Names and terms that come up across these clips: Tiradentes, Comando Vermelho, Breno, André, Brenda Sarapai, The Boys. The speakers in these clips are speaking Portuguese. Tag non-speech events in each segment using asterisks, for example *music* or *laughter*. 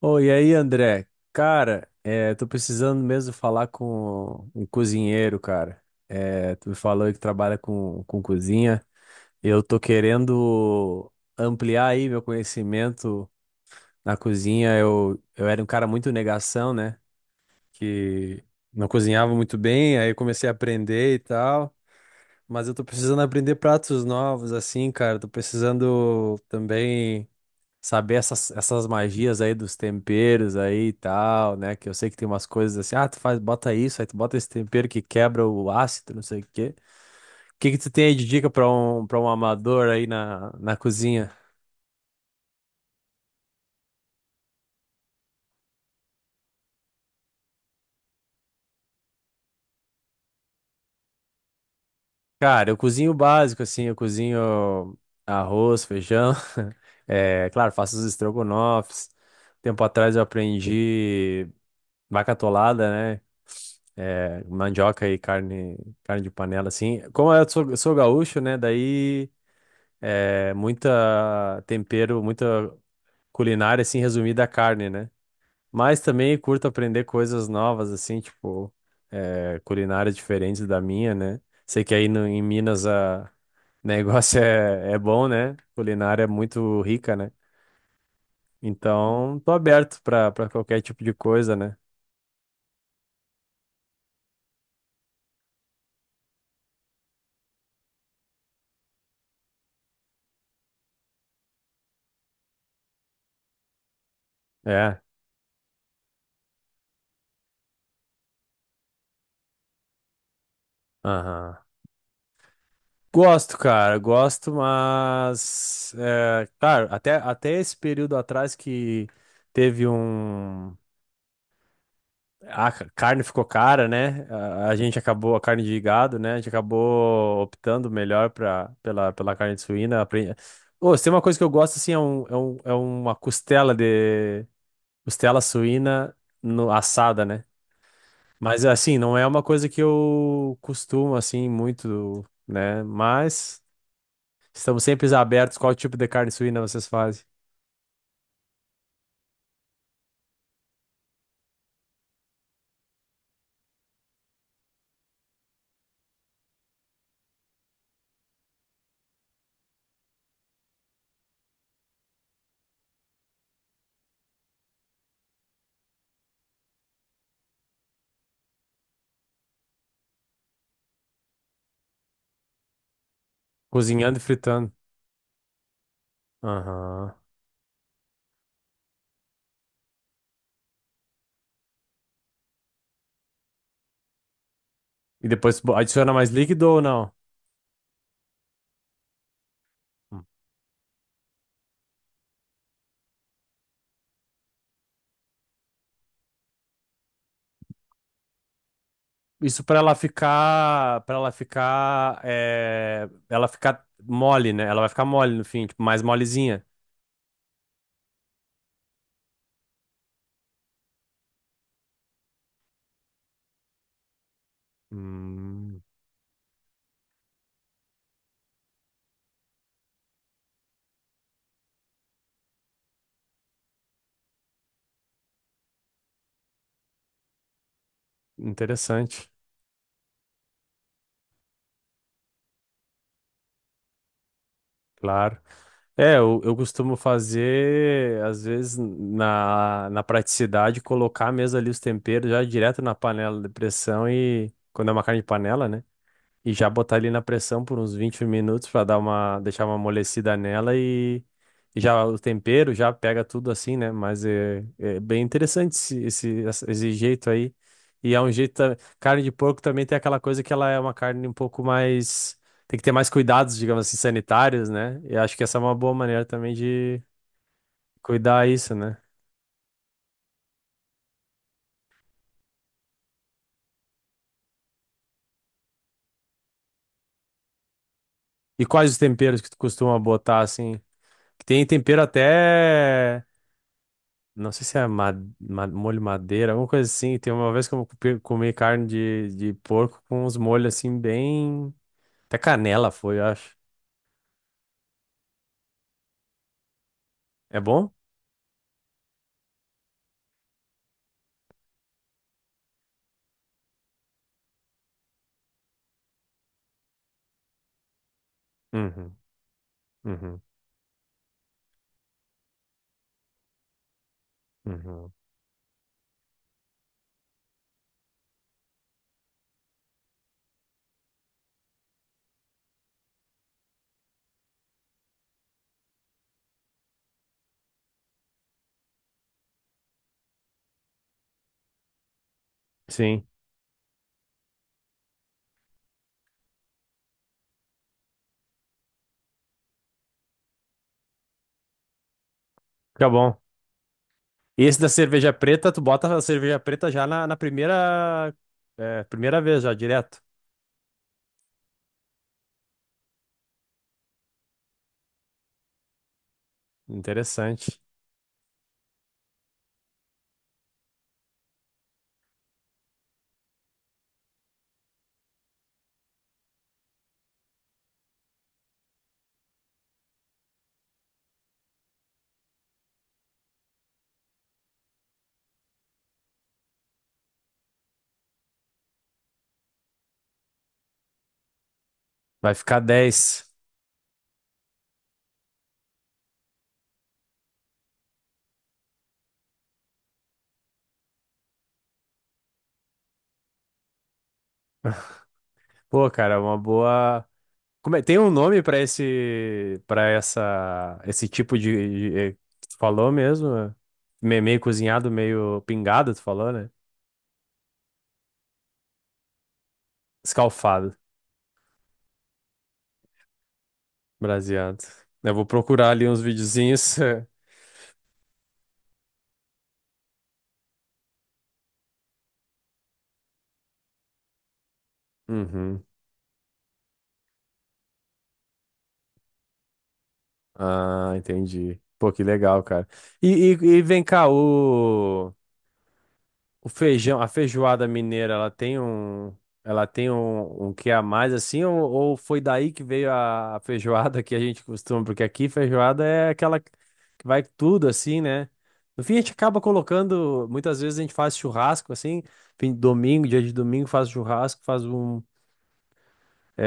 Oi, e aí, André? Cara, tô precisando mesmo falar com um cozinheiro, cara. É, tu me falou aí que trabalha com cozinha. Eu tô querendo ampliar aí meu conhecimento na cozinha. Eu era um cara muito negação, né? Que Não cozinhava muito bem, aí eu comecei a aprender e tal. Mas eu tô precisando aprender pratos novos, assim, cara. Tô precisando também saber essas magias aí dos temperos aí e tal, né? Que eu sei que tem umas coisas assim, ah, tu faz, bota isso, aí tu bota esse tempero que quebra o ácido, não sei o quê. O que que tu tem aí de dica pra para um amador aí na cozinha? Cara, eu cozinho o básico, assim, eu cozinho arroz, feijão, *laughs* é, claro, faço os estrogonofes. Tempo atrás eu aprendi vaca atolada, né? É, mandioca e carne, carne de panela, assim. Como eu sou gaúcho, né? Daí é, muita tempero, muita culinária, assim, resumida à carne, né? Mas também curto aprender coisas novas, assim, tipo, é, culinárias diferentes da minha, né? Sei que aí no, em Minas a *laughs* negócio é, é bom, né? Culinária é muito rica, né? Então, tô aberto pra qualquer tipo de coisa, né? É, aham. Gosto, cara, gosto, mas... É, claro, até esse período atrás que teve um carne ficou cara, né? A gente acabou, a carne de gado, né? A gente acabou optando melhor pela carne de suína. Ô, se tem uma coisa que eu gosto, assim, é uma costela de... Costela suína no, assada, né? Mas, assim, não é uma coisa que eu costumo, assim, muito, né? Mas estamos sempre abertos. Qual tipo de carne suína vocês fazem? Cozinhando e fritando. Aham. E depois adiciona mais líquido ou não? Isso para ela ficar, é, ela ficar mole, né? Ela vai ficar mole no fim, tipo, mais molezinha. Hum, interessante, claro. É, eu costumo fazer, às vezes, na praticidade, colocar mesmo ali os temperos já direto na panela de pressão e quando é uma carne de panela, né? E já botar ele na pressão por uns 20 minutos pra dar uma, deixar uma amolecida nela e já o tempero já pega tudo assim, né? Mas é bem interessante esse jeito aí. E é um jeito. Carne de porco também tem aquela coisa que ela é uma carne um pouco mais. Tem que ter mais cuidados, digamos assim, sanitários, né? E acho que essa é uma boa maneira também de cuidar isso, né? E quais os temperos que tu costuma botar assim? Que Tem tempero até. Não sei se é molho madeira, alguma coisa assim. Tem uma vez que eu comi carne de porco com uns molhos assim, bem. Até canela foi, eu acho. É bom? Uhum, uhum, uhum. Sim, fica bom. E esse da cerveja preta, tu bota a cerveja preta já na primeira, é, primeira vez, já direto. Interessante. Vai ficar 10. Pô, cara, é uma boa. Tem um nome pra esse para essa esse tipo é, que tu falou mesmo? É? Meio cozinhado, meio pingado, tu falou, né? Escalfado, braseado. Eu vou procurar ali uns videozinhos. *laughs* Uhum. Ah, entendi. Pô, que legal, cara. E, e vem cá, o feijão, a feijoada mineira, ela tem um, ela tem um que a mais assim, ou foi daí que veio a feijoada que a gente costuma, porque aqui feijoada é aquela que vai tudo assim, né? No fim a gente acaba colocando, muitas vezes a gente faz churrasco assim, fim de domingo, dia de domingo faz churrasco, faz um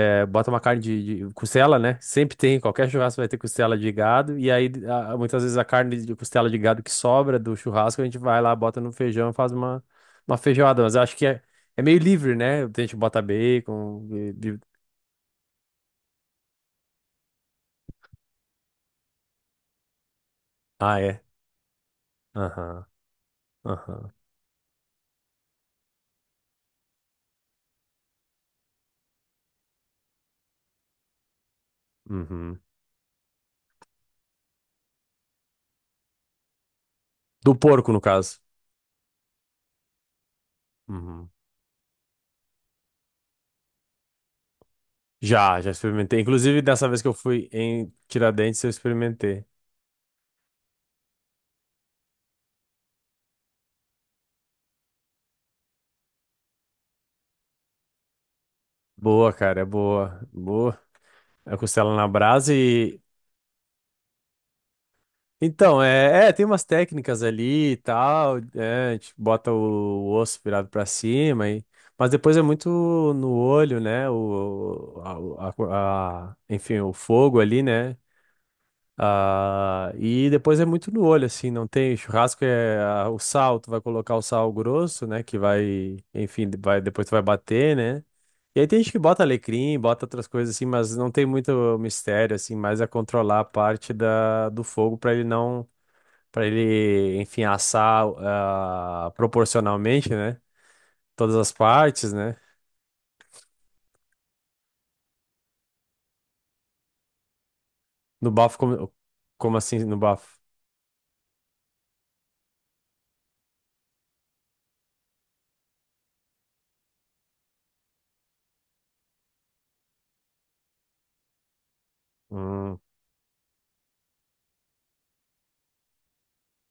é, bota uma carne de costela, né? Sempre tem, qualquer churrasco vai ter costela de gado. E aí, muitas vezes, a carne de costela de gado que sobra do churrasco, a gente vai lá, bota no feijão e faz uma feijoada. Mas eu acho que é meio livre, né? A gente bota bacon. Ah, é? Aham, aham, uhum. Do porco, no caso. Uhum. Já, já experimentei. Inclusive, dessa vez que eu fui em Tiradentes, eu experimentei. Boa, cara, é boa. Boa. É costela na brasa e então, tem umas técnicas ali e tal, é, a gente bota o osso virado pra cima, e, mas depois é muito no olho, né? O, a- Enfim, o fogo ali, né? Ah, e depois é muito no olho, assim, não tem churrasco, é ah, o sal, tu vai colocar o sal grosso, né? Que vai, enfim, vai, depois tu vai bater, né? E aí tem gente que bota alecrim, bota outras coisas assim, mas não tem muito mistério, assim, mais a controlar a parte do fogo para ele não para ele, enfim, assar ah, proporcionalmente, né? Todas as partes, né? No bafo, como assim no bafo? Hum,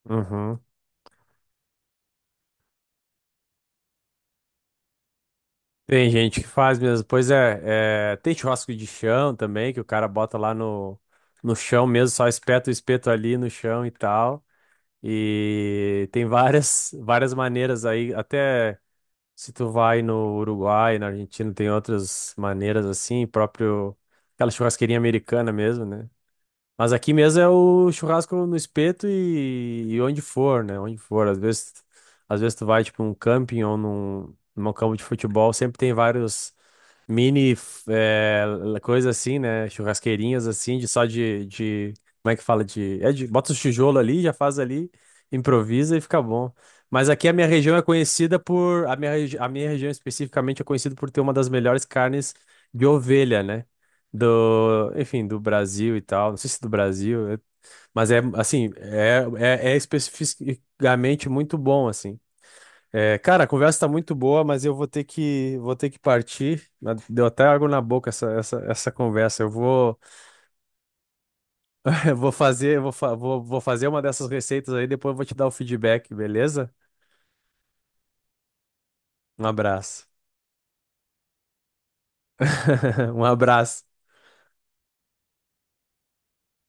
uhum. Tem gente que faz mesmo. Pois é, é, tem churrasco de chão também, que o cara bota lá no chão mesmo, só espeta o espeto ali no chão e tal. E tem várias maneiras aí, até se tu vai no Uruguai, na Argentina, tem outras maneiras assim, próprio aquela churrasqueirinha americana mesmo, né? Mas aqui mesmo é o churrasco no espeto e onde for, né? Onde for. Às vezes tu vai, tipo, num camping ou num, num campo de futebol, sempre tem vários mini f- é, coisa assim, né? Churrasqueirinhas assim, de como é que fala de bota os tijolo ali, já faz ali, improvisa e fica bom. Mas aqui a minha região é conhecida por a minha região especificamente é conhecida por ter uma das melhores carnes de ovelha, né? Do, enfim, do Brasil e tal. Não sei se do Brasil, mas é assim, é especificamente muito bom assim. É, cara, a conversa tá muito boa, mas eu vou ter que partir. Deu até água na boca essa conversa. Eu vou, *laughs* eu vou fazer, eu vou, fa- vou, vou fazer uma dessas receitas aí, depois eu vou te dar o feedback, beleza? Um abraço. *laughs* Um abraço.